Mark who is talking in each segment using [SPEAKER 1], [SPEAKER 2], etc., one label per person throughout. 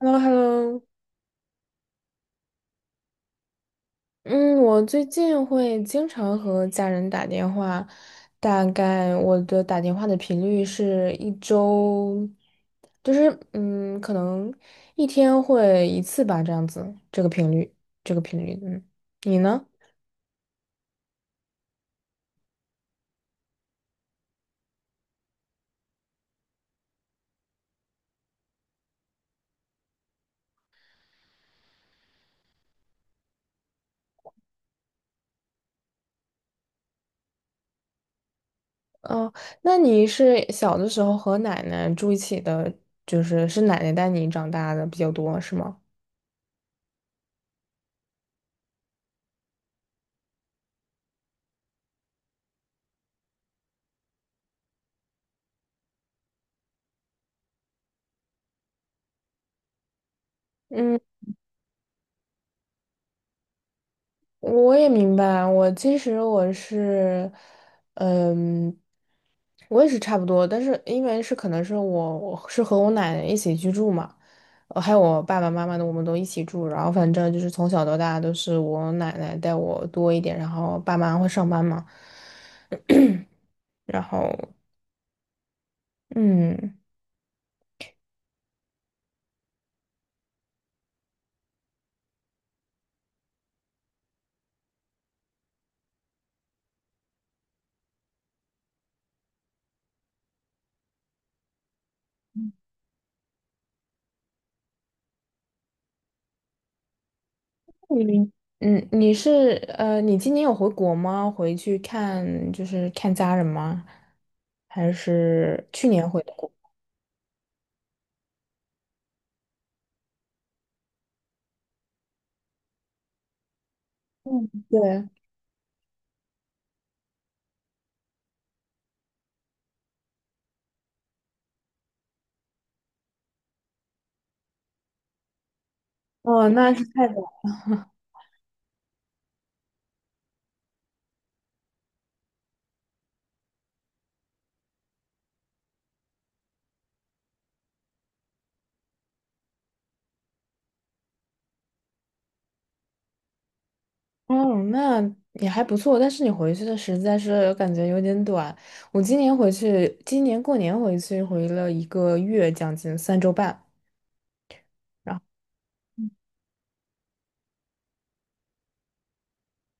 [SPEAKER 1] h e l l o h e l l o 嗯，我最近会经常和家人打电话，大概我的打电话的频率是一周，就是可能一天会一次吧，这样子，这个频率，这个频率，嗯，你呢？哦，那你是小的时候和奶奶住一起的，就是是奶奶带你长大的比较多，是吗？嗯。我也明白，我其实我是，嗯，我也是差不多，但是因为是可能是我是和我奶奶一起居住嘛，还有我爸爸妈妈的，我们都一起住，然后反正就是从小到大都是我奶奶带我多一点，然后爸妈会上班嘛，然后嗯你嗯，你是呃，你今年有回国吗？回去看就是看家人吗？还是去年回的国？嗯对。哦，那是太短。哦，那也还不错，但是你回去的实在是感觉有点短。我今年回去，今年过年回去回了一个月，将近三周半。然后。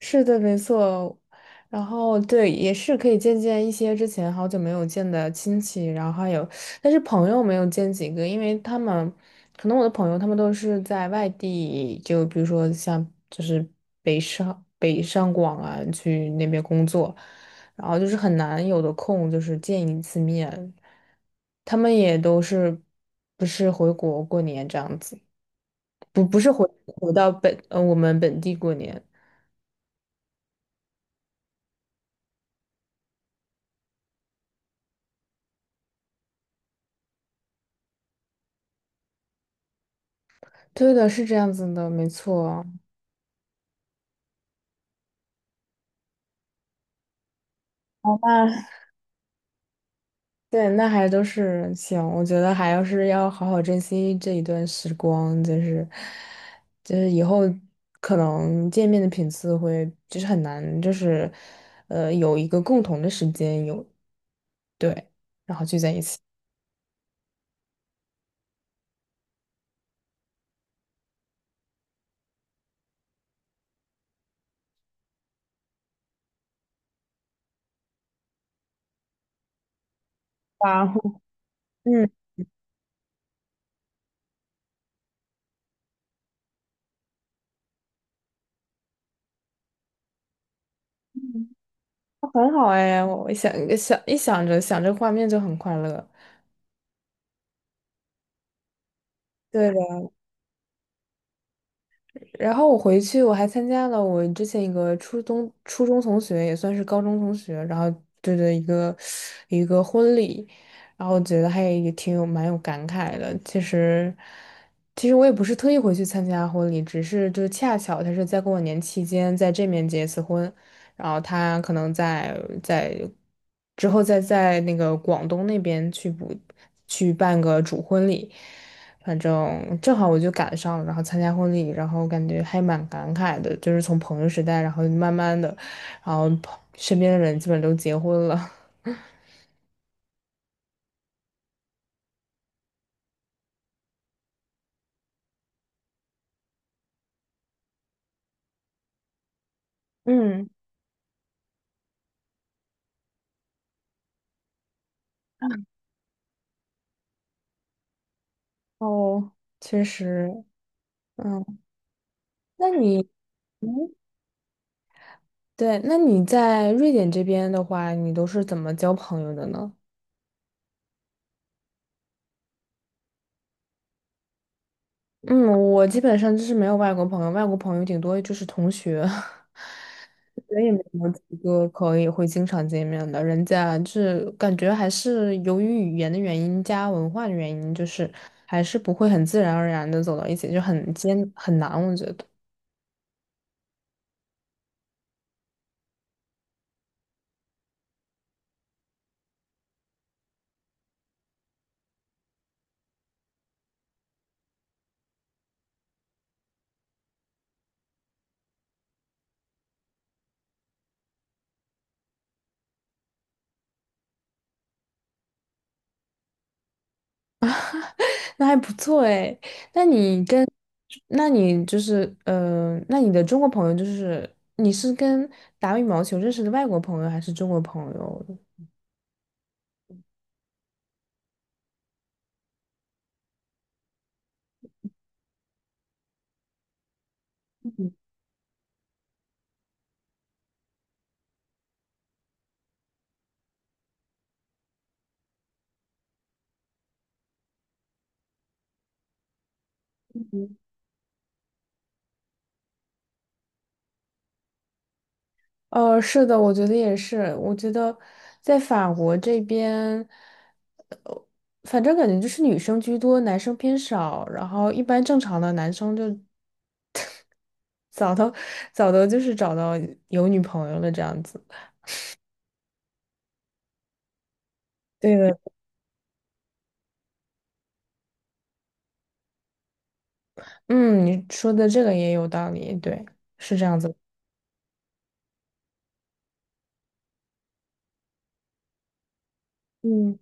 [SPEAKER 1] 是的，没错。然后对，也是可以见见一些之前好久没有见的亲戚，然后还有，但是朋友没有见几个，因为他们可能我的朋友他们都是在外地，就比如说像就是北上广啊，去那边工作，然后就是很难有的空就是见一次面，他们也都是不是回国过年这样子，不是回到我们本地过年。对的，是这样子的，没错。好吧，那对，那还都是行，我觉得还要是要好好珍惜这一段时光，就是以后可能见面的频次会就是很难，就是有一个共同的时间有对，然后聚在一起。哇，嗯，很好哎，我想想一想着想着画面就很快乐。对。然后我回去，我还参加了我之前一个初中同学，也算是高中同学，然后对的一个婚礼，然后我觉得还也挺有蛮有感慨的。其实，其实我也不是特意回去参加婚礼，只是就恰巧他是在过年期间在这面结一次婚，然后他可能在之后再在那个广东那边去去办个主婚礼。反正正好我就赶上了，然后参加婚礼，然后感觉还蛮感慨的，就是从朋友时代，然后慢慢的，然后朋身边的人基本都结婚了。嗯，哦，确实，嗯，那你，嗯，对，那你在瑞典这边的话，你都是怎么交朋友的呢？嗯，我基本上就是没有外国朋友，外国朋友顶多就是同学，所以没有几个可以会经常见面的。人家就是感觉还是由于语言的原因加文化的原因，就是还是不会很自然而然的走到一起，就很艰很难，我觉得。那还不错哎，那你跟，那你就是那你的中国朋友就是你是跟打羽毛球认识的外国朋友还是中国朋友？是的，我觉得也是。我觉得在法国这边，反正感觉就是女生居多，男生偏少。然后一般正常的男生就 早都早都就是找到有女朋友了这样子。对的，嗯，你说的这个也有道理，对，是这样子。嗯。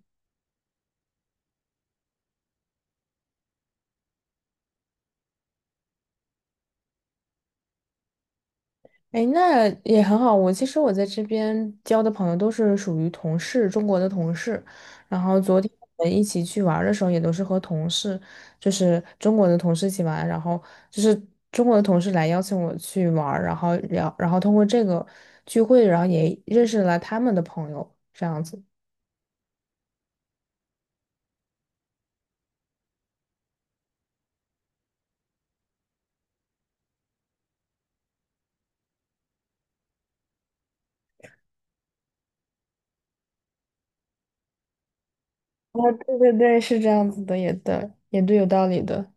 [SPEAKER 1] 哎，那也很好。我其实我在这边交的朋友都是属于同事，中国的同事。然后昨天我们一起去玩儿的时候，也都是和同事，就是中国的同事一起玩。就是中国的同事来邀请我去玩儿然后聊，然后通过这个聚会，然后也认识了他们的朋友，这样子。哦，对对对，是这样子的，也对，也对，有道理的。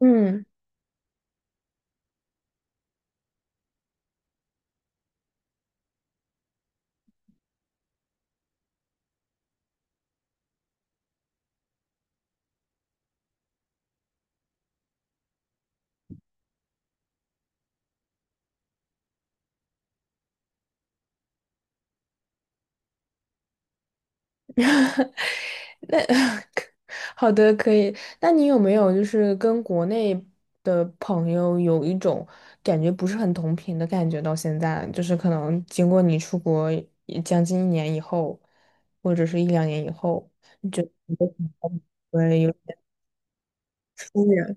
[SPEAKER 1] 嗯。那 好的，可以。那你有没有就是跟国内的朋友有一种感觉不是很同频的感觉？到现在，就是可能经过你出国也将近一年以后，或者是一两年以后，你的朋友会有疏远。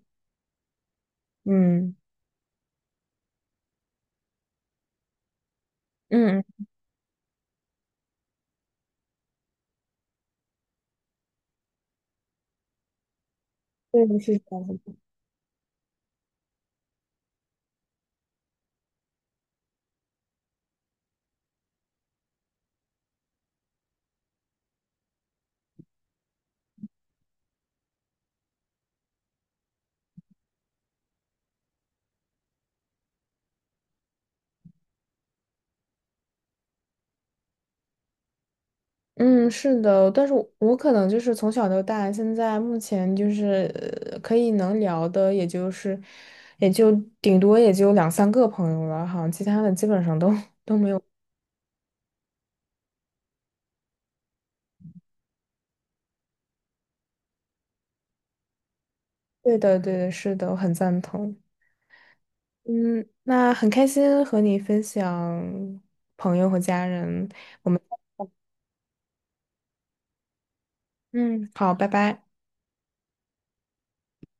[SPEAKER 1] 嗯嗯，嗯对，是这样子。嗯，是的，但是我可能就是从小到大，现在目前就是可以能聊的，也就是也就顶多也就两三个朋友了，好像其他的基本上都 对的，对的，是的，我很赞同。嗯，那很开心和你分享朋友和家人，我们嗯，好，拜拜。